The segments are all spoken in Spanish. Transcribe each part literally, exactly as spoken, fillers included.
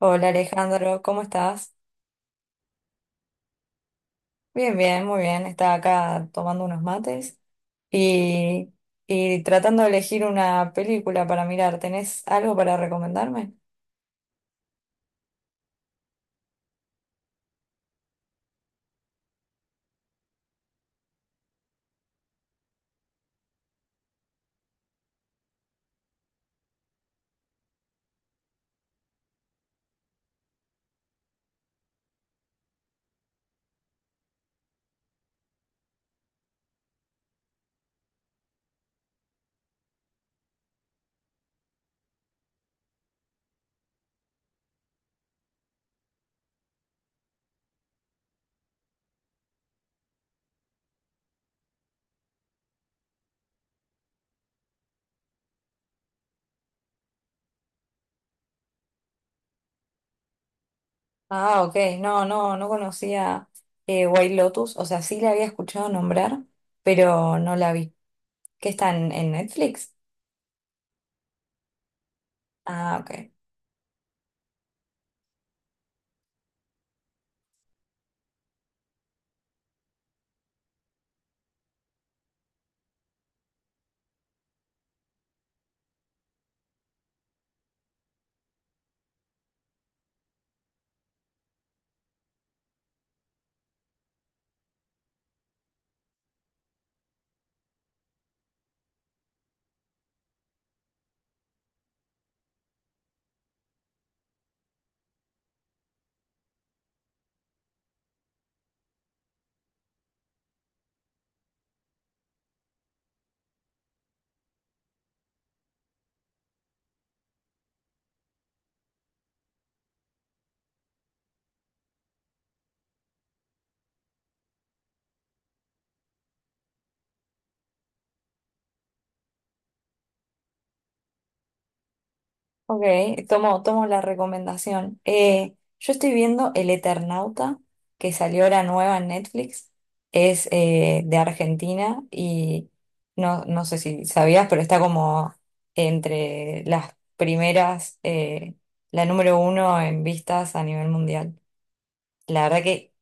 Hola Alejandro, ¿cómo estás? Bien, bien, muy bien. Estaba acá tomando unos mates y, y tratando de elegir una película para mirar. ¿Tenés algo para recomendarme? Ah, ok. No, no, no conocía eh, White Lotus. O sea, sí la había escuchado nombrar, pero no la vi. ¿Qué está en, en Netflix? Ah, ok. Ok, tomo, tomo la recomendación. Eh, yo estoy viendo El Eternauta, que salió ahora nueva en Netflix. Es eh, de Argentina y no, no sé si sabías, pero está como entre las primeras, eh, la número uno en vistas a nivel mundial. La verdad que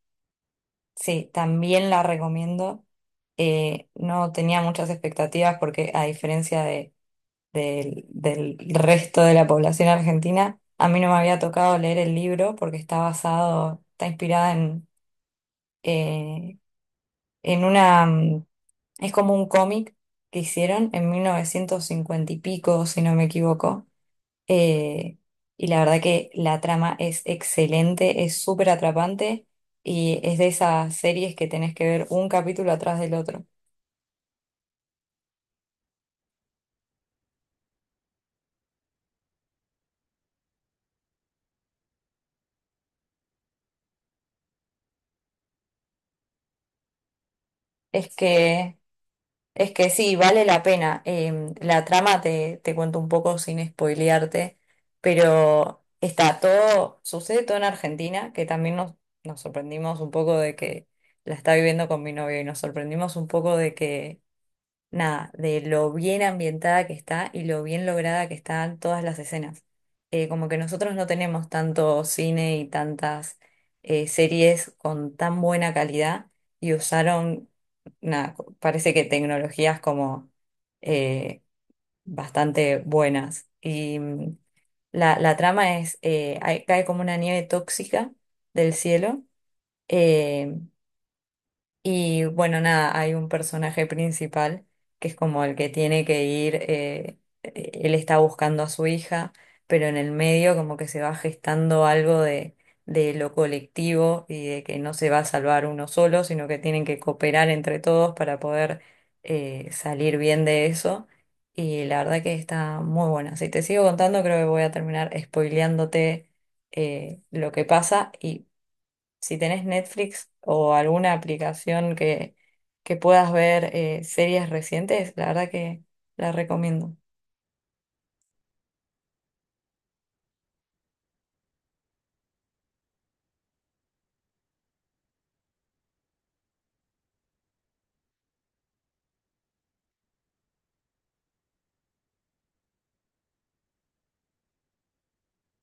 sí, también la recomiendo. Eh, no tenía muchas expectativas porque a diferencia de del, del resto de la población argentina. A mí no me había tocado leer el libro porque está basado, está inspirada en, eh, en una, mm, es como un cómic que hicieron en mil novecientos cincuenta y pico, si no me equivoco. Eh, y la verdad que la trama es excelente, es súper atrapante y es de esas series que tenés que ver un capítulo atrás del otro. Es que... Es que sí, vale la pena. Em, la trama te, te cuento un poco sin spoilearte, pero está todo, sucede todo en Argentina, que también nos, nos sorprendimos un poco de que la está viviendo con mi novio y nos sorprendimos un poco de que nada, de lo bien ambientada que está y lo bien lograda que están todas las escenas. Eh, como que nosotros no tenemos tanto cine y tantas eh, series con tan buena calidad y usaron, nada, co- parece que tecnologías como eh, bastante buenas. Y mm, la, la trama es, eh, hay- cae como una nieve tóxica del cielo. eh, y bueno, nada, hay un personaje principal que es como el que tiene que ir, eh, eh, él está buscando a su hija, pero en el medio como que se va gestando algo de, de lo colectivo y de que no se va a salvar uno solo, sino que tienen que cooperar entre todos para poder eh, salir bien de eso. Y la verdad que está muy buena. Si te sigo contando, creo que voy a terminar spoileándote eh, lo que pasa y si tenés Netflix o alguna aplicación que, que puedas ver eh, series recientes, la verdad que la recomiendo.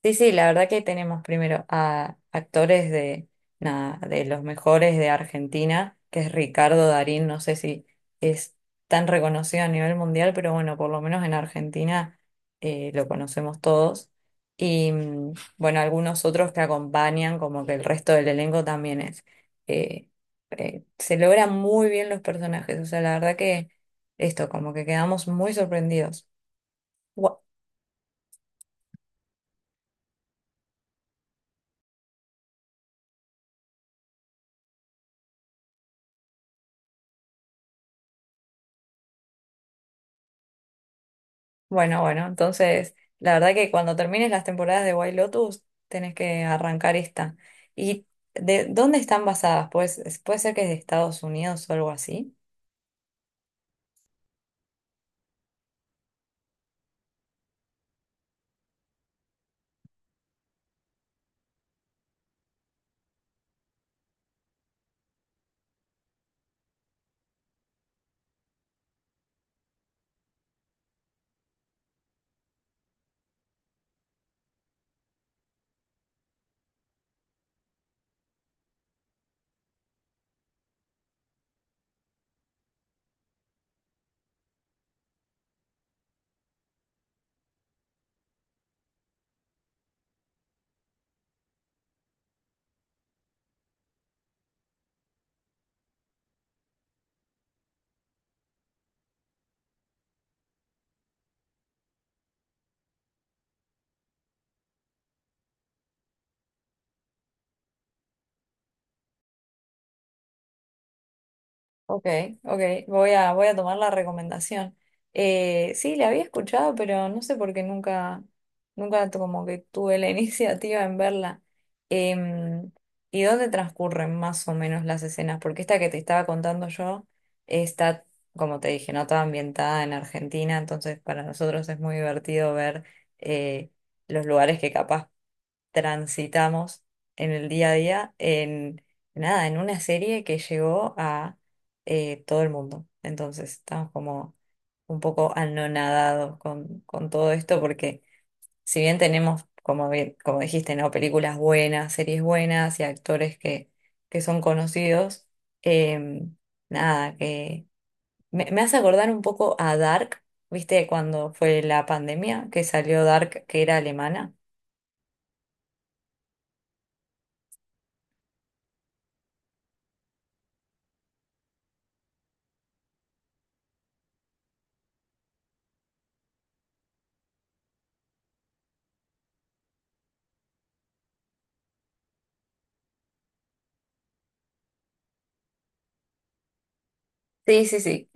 Sí, sí, la verdad que tenemos primero a actores de, nada, de los mejores de Argentina, que es Ricardo Darín, no sé si es tan reconocido a nivel mundial, pero bueno, por lo menos en Argentina eh, lo conocemos todos. Y mm, bueno, algunos otros que acompañan, como que el resto del elenco también es. eh, eh, Se logran muy bien los personajes, o sea, la verdad que esto, como que quedamos muy sorprendidos. Bueno, bueno, entonces la verdad que cuando termines las temporadas de White Lotus tenés que arrancar esta. ¿Y de dónde están basadas? Pues, es- puede ser que es de Estados Unidos o algo así. Ok, ok, voy a, voy a tomar la recomendación. Eh, sí, la había escuchado, pero no sé por qué nunca, nunca tu- como que tuve la iniciativa en verla. Em, ¿Y dónde transcurren más o menos las escenas? Porque esta que te estaba contando yo está, como te dije, no toda ambientada en Argentina, entonces para nosotros es muy divertido ver eh, los lugares que capaz transitamos en el día a día en nada, en una serie que llegó a eh, todo el mundo. Entonces estamos como un poco anonadados con, con todo esto porque si bien tenemos, como, bien- como dijiste, ¿no? Películas buenas, series buenas y actores que, que son conocidos, eh, nada, que me, me hace acordar un poco a Dark. ¿Viste cuando fue la pandemia que salió Dark, que era alemana? Sí, sí, sí.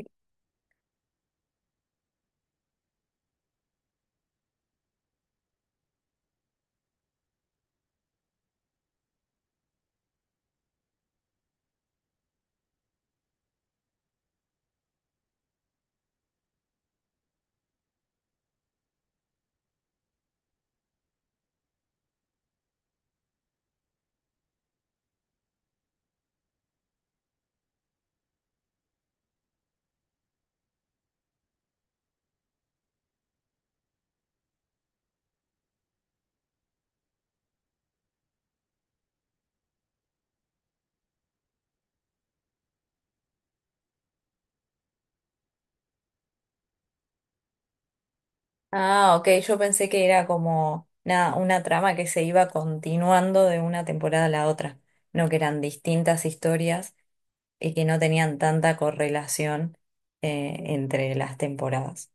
Ah, ok, yo pensé que era como una, una trama que se iba continuando de una temporada a la otra, no que eran distintas historias y que no tenían tanta correlación eh, entre las temporadas.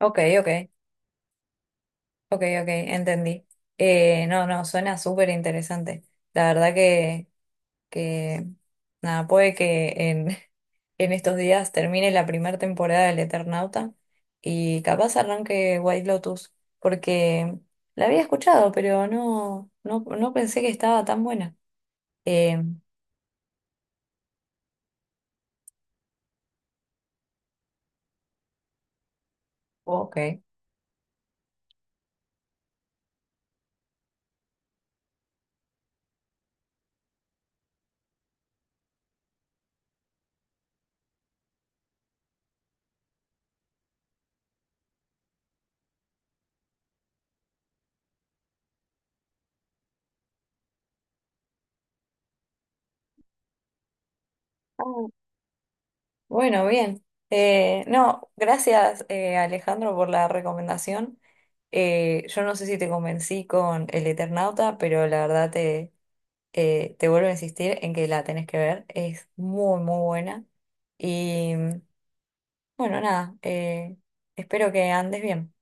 Ok, ok, ok, ok, entendí. Eh, no, no, suena súper interesante. La verdad que... que nada, puede que en, en estos días termine la primera temporada del Eternauta y capaz arranque White Lotus, porque la había escuchado, pero no, no, no pensé que estaba tan buena. Eh, ok. Ah, bueno, bien. Eh, no, gracias eh, Alejandro por la recomendación. Eh, yo no sé si te convencí con el Eternauta, pero la verdad eh, te vuelvo a insistir en que la tenés que ver, es muy, muy buena. Y mm, bueno, nada, eh, espero que andes bien.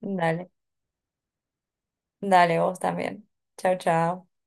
Dale, dale vos también. Chao, chao.